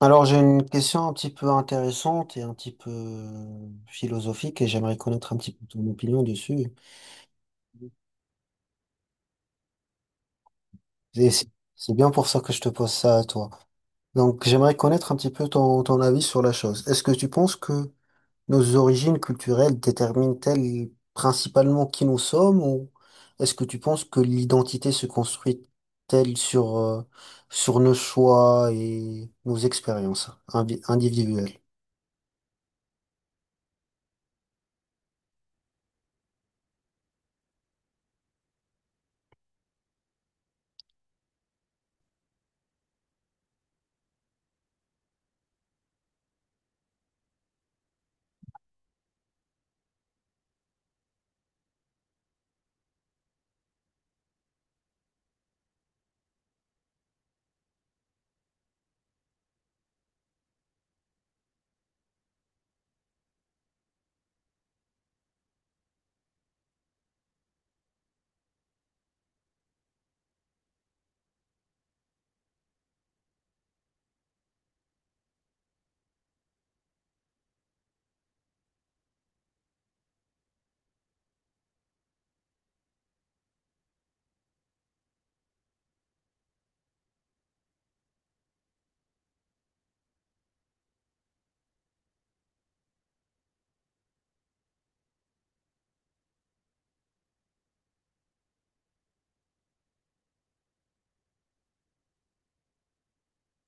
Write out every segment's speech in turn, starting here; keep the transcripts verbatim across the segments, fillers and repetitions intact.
Alors, j'ai une question un petit peu intéressante et un petit peu euh, philosophique et j'aimerais connaître un petit peu ton opinion dessus. Et c'est c'est bien pour ça que je te pose ça à toi. Donc, j'aimerais connaître un petit peu ton, ton avis sur la chose. Est-ce que tu penses que nos origines culturelles déterminent-elles principalement qui nous sommes ou est-ce que tu penses que l'identité se construit-elle sur, euh, sur nos choix et nos expériences invi- individuelles?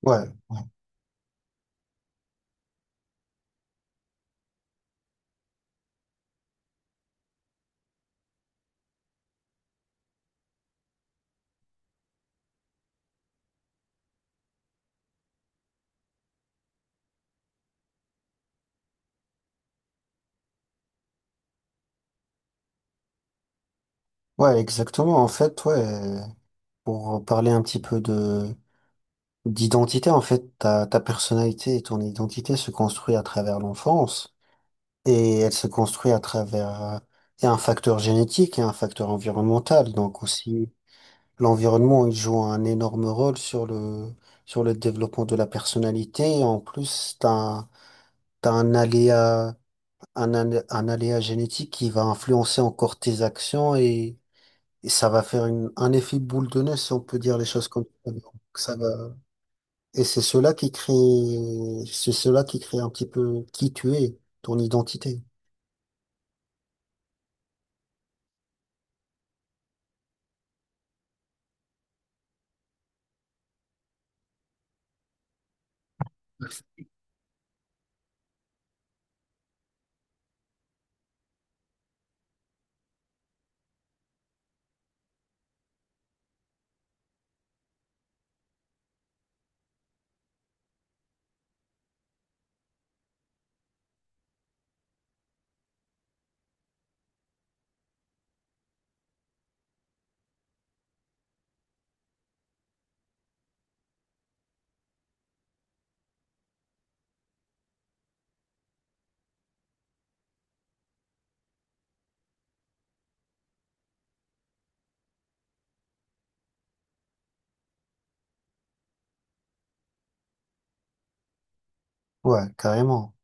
Ouais, ouais, exactement. En fait, ouais. Pour parler un petit peu de d'identité, en fait, ta, ta personnalité et ton identité se construit à travers l'enfance et elle se construit à travers euh, il un facteur génétique et un facteur environnemental. Donc aussi, l'environnement, il joue un énorme rôle sur le sur le développement de la personnalité. Et en plus, t'as un, t'as un aléa un, alé- un aléa génétique qui va influencer encore tes actions, et, et ça va faire une, un effet boule de neige si on peut dire les choses comme ça. Donc, ça va et c'est cela qui crée, c'est cela qui crée un petit peu qui tu es, ton identité. Ouais, carrément.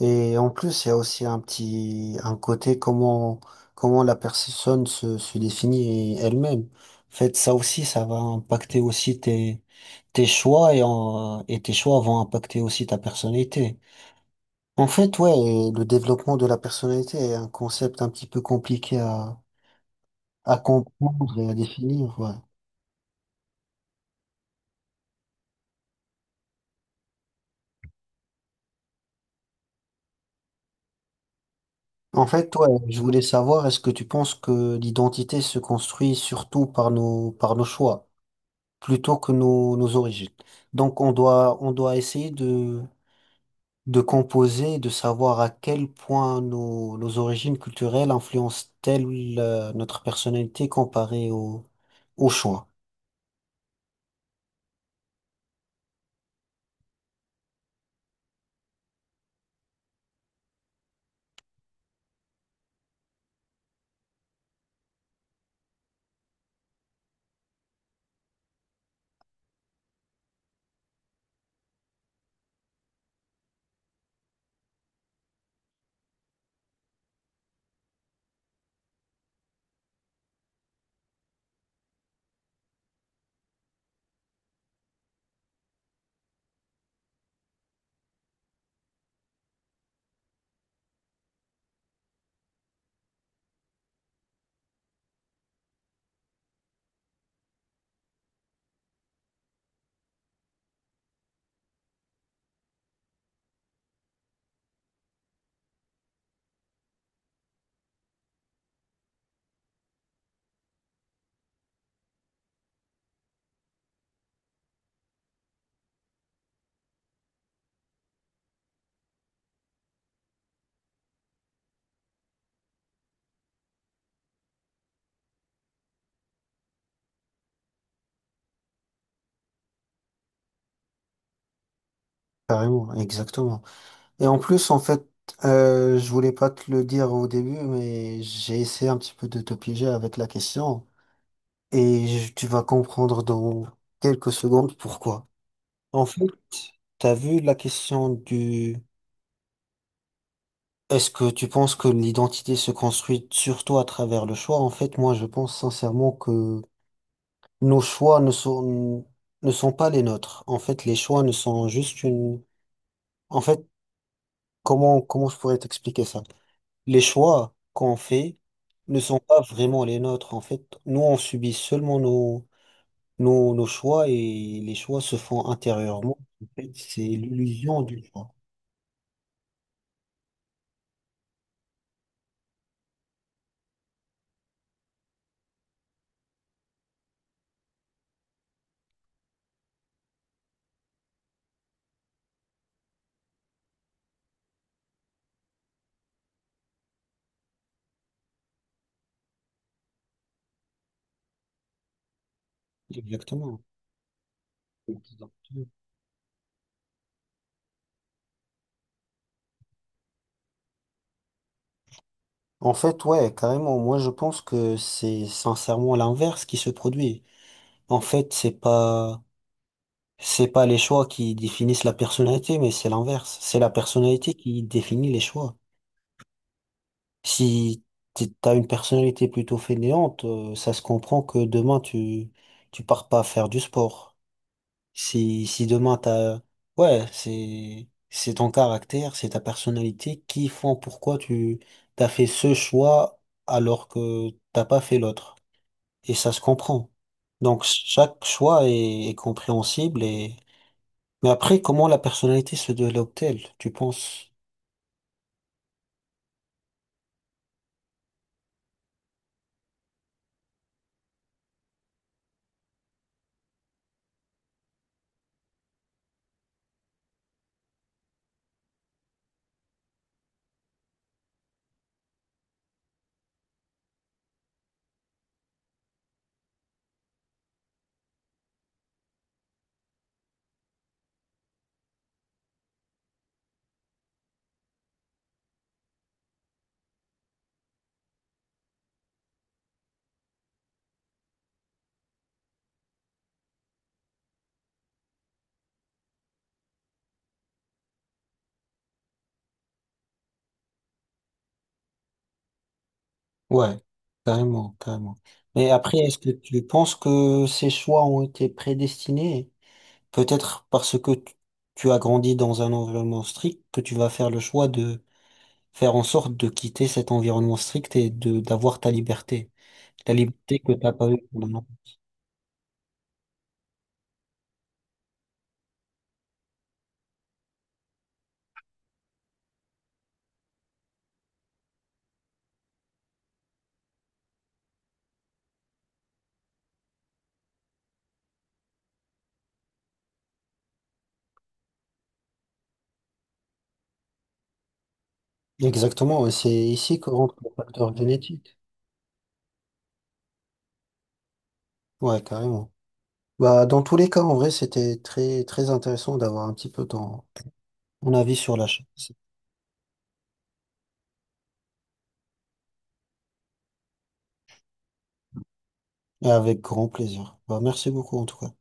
Et en plus, il y a aussi un petit, un côté comment, comment la personne se, se définit elle-même. En fait, ça aussi, ça va impacter aussi tes, tes choix, et en- et tes choix vont impacter aussi ta personnalité. En fait, ouais, et le développement de la personnalité est un concept un petit peu compliqué à, à comprendre et à définir. Ouais. En fait, ouais, je voulais savoir, est-ce que tu penses que l'identité se construit surtout par nos, par nos choix, plutôt que nos, nos origines? Donc, on doit, on doit essayer de, de composer, de savoir à quel point nos, nos origines culturelles influencent-elles euh, notre personnalité comparée au, au choix. Carrément, exactement. Et en plus, en fait, euh, je voulais pas te le dire au début, mais j'ai essayé un petit peu de te piéger avec la question. Et je- tu vas comprendre dans quelques secondes pourquoi. En fait, t'as vu la question du... Est-ce que tu penses que l'identité se construit surtout à travers le choix? En fait, moi, je pense sincèrement que nos choix ne sont, ne sont pas les nôtres. En fait, les choix ne sont juste une... En fait, comment, comment je pourrais t'expliquer ça? Les choix qu'on fait ne sont pas vraiment les nôtres. En fait, nous, on subit seulement nos Nos, nos choix et les choix se font intérieurement. En fait, c'est l'illusion du choix. Exactement. Exactement. En fait, ouais, carrément. Moi, je pense que c'est sincèrement l'inverse qui se produit. En fait, c'est pas, c'est pas les choix qui définissent la personnalité, mais c'est l'inverse. C'est la personnalité qui définit les choix. Si t'es- t'as une personnalité plutôt fainéante, euh, ça se comprend que demain, tu, tu pars pas faire du sport. Si, si demain t'as, ouais, c'est, c'est ton caractère, c'est ta personnalité qui font pourquoi tu t'as fait ce choix alors que t'as pas fait l'autre. Et ça se comprend. Donc chaque choix est, est compréhensible et, mais après, comment la personnalité se développe-t-elle, tu penses? Ouais, carrément, carrément. Mais après, est-ce que tu penses que ces choix ont été prédestinés? Peut-être parce que tu tu as grandi dans un environnement strict que tu vas faire le choix de faire en sorte de quitter cet environnement strict et de d'avoir ta liberté. La liberté que t'as pas eue pendant. Exactement, ouais, c'est ici que rentre le facteur génétique. Ouais, carrément. Bah, dans tous les cas, en vrai, c'était très, très intéressant d'avoir un petit peu ton, ton avis sur la chose. Avec grand plaisir. Bah, merci beaucoup, en tout cas.